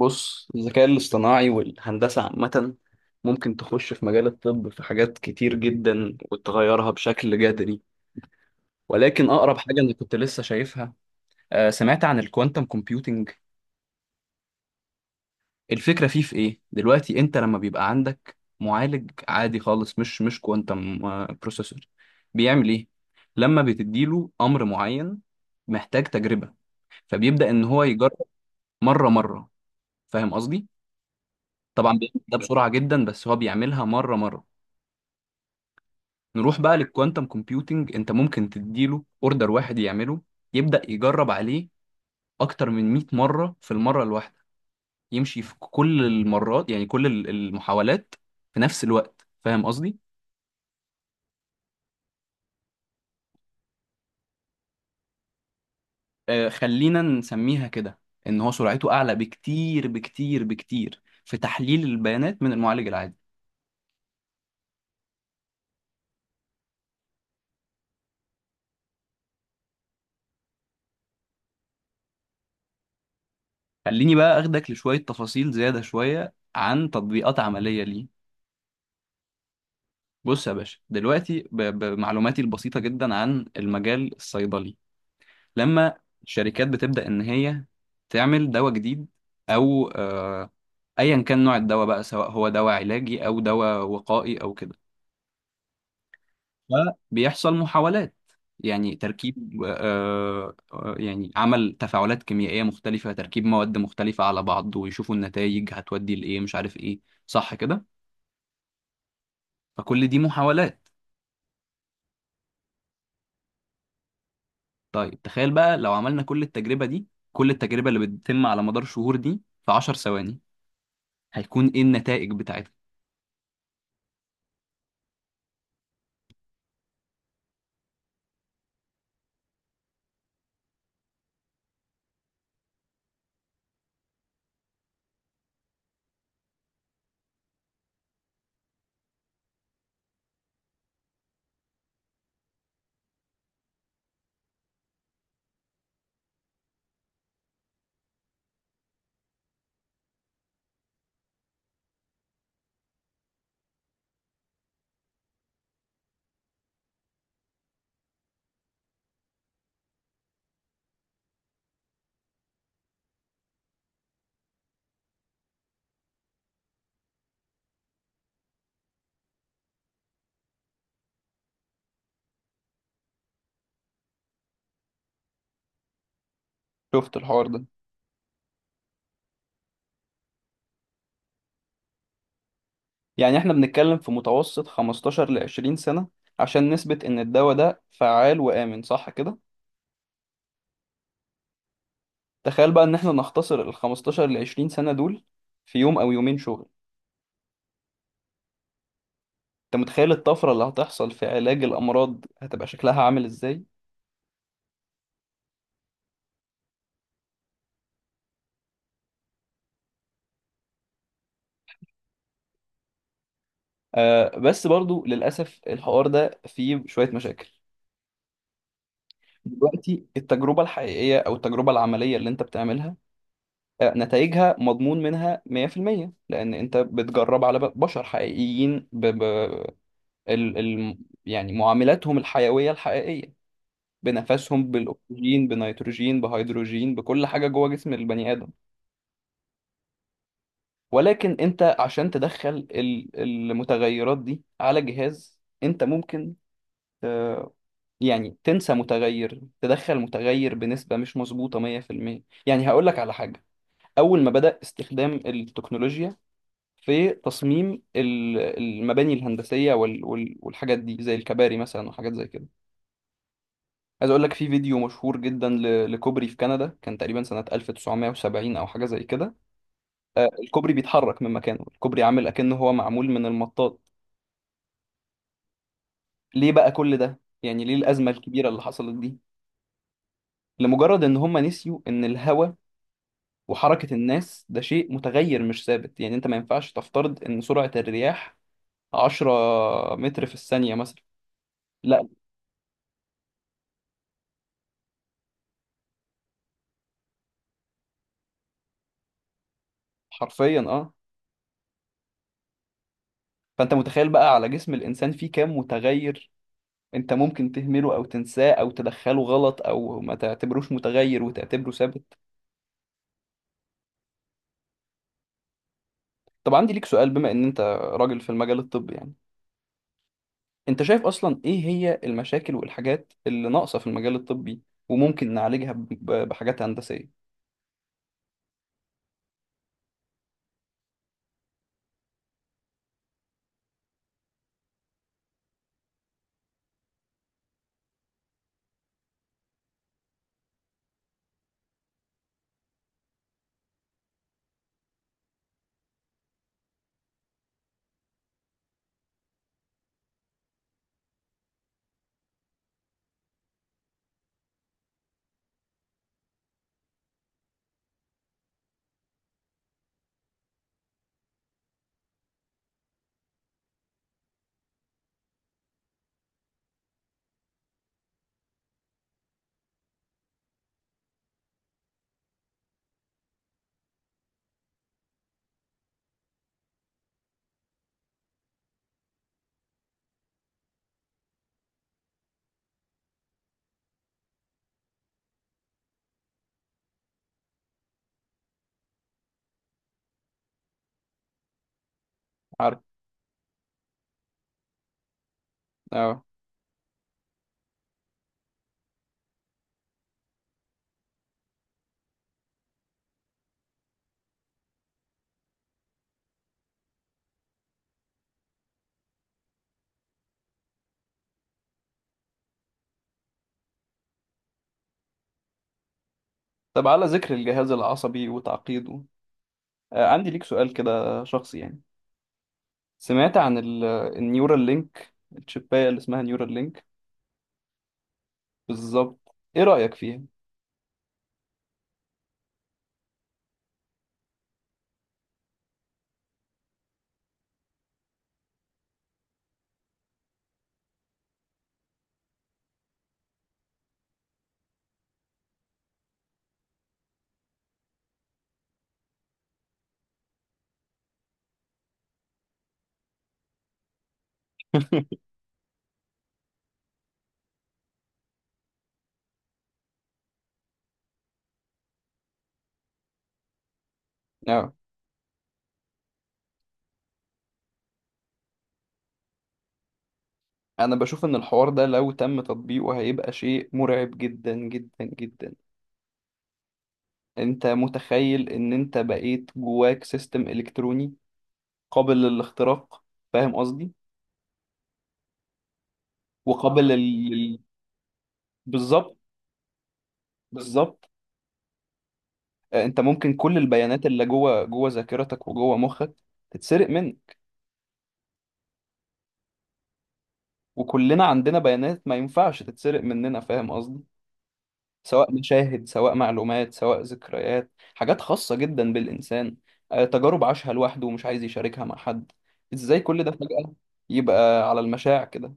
بص الذكاء الاصطناعي والهندسة عامة ممكن تخش في مجال الطب في حاجات كتير جدا وتغيرها بشكل جذري، ولكن أقرب حاجة أنا كنت لسه شايفها، سمعت عن الكوانتم كومبيوتينج. الفكرة فيه في إيه؟ دلوقتي أنت لما بيبقى عندك معالج عادي خالص مش كوانتم بروسيسور بيعمل إيه؟ لما بتديله أمر معين محتاج تجربة، فبيبدأ إن هو يجرب مرة مرة. فاهم قصدي؟ طبعا بيعمل ده بسرعة جدا بس هو بيعملها مرة مرة. نروح بقى للكوانتم كومبيوتنج، انت ممكن تديله اوردر واحد يعمله، يبدأ يجرب عليه اكتر من 100 مرة في المرة الواحدة، يمشي في كل المرات، يعني كل المحاولات في نفس الوقت. فاهم قصدي؟ آه، خلينا نسميها كده، ان هو سرعته اعلى بكتير بكتير بكتير في تحليل البيانات من المعالج العادي. خليني بقى اخدك لشوية تفاصيل زيادة شوية عن تطبيقات عملية ليه. بص يا باشا، دلوقتي بمعلوماتي البسيطة جدا عن المجال الصيدلي، لما الشركات بتبدأ إن هي تعمل دواء جديد، أو أيا كان نوع الدواء بقى، سواء هو دواء علاجي أو دواء وقائي أو كده، فبيحصل محاولات، يعني تركيب، يعني عمل تفاعلات كيميائية مختلفة، تركيب مواد مختلفة على بعض ويشوفوا النتائج هتودي لإيه مش عارف إيه. صح كده؟ فكل دي محاولات. طيب تخيل بقى لو عملنا كل التجربة دي، كل التجربة اللي بتتم على مدار شهور دي، في 10 ثواني، هيكون إيه النتائج بتاعتها؟ شفت الحوار ده؟ يعني احنا بنتكلم في متوسط 15 ل 20 سنة عشان نثبت ان الدواء ده فعال وآمن، صح كده؟ تخيل بقى ان احنا نختصر ال 15 ل 20 سنة دول في يوم او يومين شغل. انت متخيل الطفرة اللي هتحصل في علاج الامراض هتبقى شكلها عامل ازاي؟ آه بس برضو للاسف الحوار ده فيه شوية مشاكل. دلوقتي التجربة الحقيقية او التجربة العملية اللي انت بتعملها، نتائجها مضمون منها 100% لان انت بتجرب على بشر حقيقيين، ب... ب... ال ال يعني معاملاتهم الحيوية الحقيقية بنفسهم، بالأكسجين، بنيتروجين، بهيدروجين، بكل حاجة جوه جسم البني آدم. ولكن أنت عشان تدخل المتغيرات دي على جهاز، أنت ممكن آه، يعني تنسى متغير، تدخل متغير بنسبة مش مظبوطة 100%. يعني هقول لك على حاجة. أول ما بدأ استخدام التكنولوجيا في تصميم المباني الهندسية والحاجات دي زي الكباري مثلا وحاجات زي كده، عايز اقول لك في فيديو مشهور جدا لكوبري في كندا كان تقريبا سنة 1970 او حاجة زي كده. الكوبري بيتحرك من مكانه، الكوبري عامل اكنه هو معمول من المطاط. ليه بقى كل ده؟ يعني ليه الأزمة الكبيرة اللي حصلت دي؟ لمجرد ان هم نسيوا ان الهواء وحركة الناس ده شيء متغير مش ثابت. يعني انت ما ينفعش تفترض ان سرعة الرياح 10 متر في الثانية مثلا. لا، حرفيا اه. فانت متخيل بقى على جسم الانسان فيه كام متغير انت ممكن تهمله او تنساه او تدخله غلط او ما تعتبروش متغير وتعتبره ثابت؟ طب عندي ليك سؤال، بما ان انت راجل في المجال الطبي يعني، انت شايف اصلا ايه هي المشاكل والحاجات اللي ناقصة في المجال الطبي وممكن نعالجها بحاجات هندسية؟ عارف، اه. طب على ذكر الجهاز العصبي وتعقيده، عندي ليك سؤال كده شخصي يعني. سمعت عن النيورال لينك، الشباية اللي اسمها نيورال لينك، بالظبط، ايه رأيك فيها؟ اه، انا بشوف ان الحوار ده لو تم تطبيقه هيبقى شيء مرعب جدا جدا جدا. انت متخيل ان انت بقيت جواك سيستم الكتروني قابل للاختراق؟ فاهم قصدي؟ وقابل بالظبط. بالظبط. انت ممكن كل البيانات اللي جوه ذاكرتك وجوه مخك تتسرق منك. وكلنا عندنا بيانات ما ينفعش تتسرق مننا، فاهم قصدي؟ سواء مشاهد، سواء معلومات، سواء ذكريات، حاجات خاصة جدا بالإنسان، تجارب عاشها لوحده ومش عايز يشاركها مع حد. إزاي كل ده فجأة يبقى على المشاع كده؟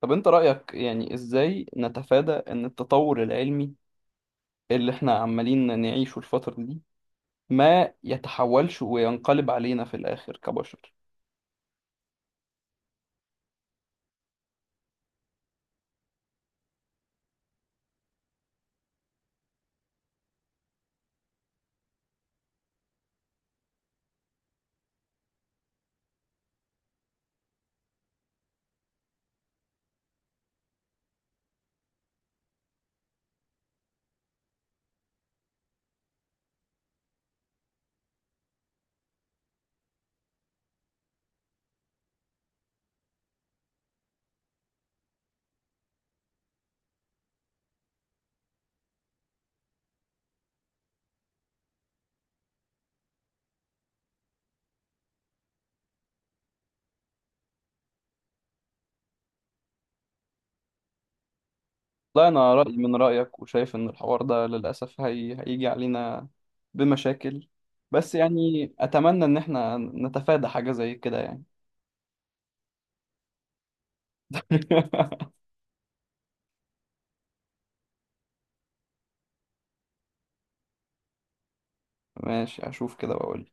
طب أنت رأيك، يعني إزاي نتفادى إن التطور العلمي اللي إحنا عمالين نعيشه الفترة دي ما يتحولش وينقلب علينا في الآخر كبشر؟ لا، أنا رأيي من رأيك وشايف إن الحوار ده للأسف هيجي علينا بمشاكل. بس يعني أتمنى إن إحنا نتفادى حاجة زي كده يعني. ماشي، أشوف كده وأقول.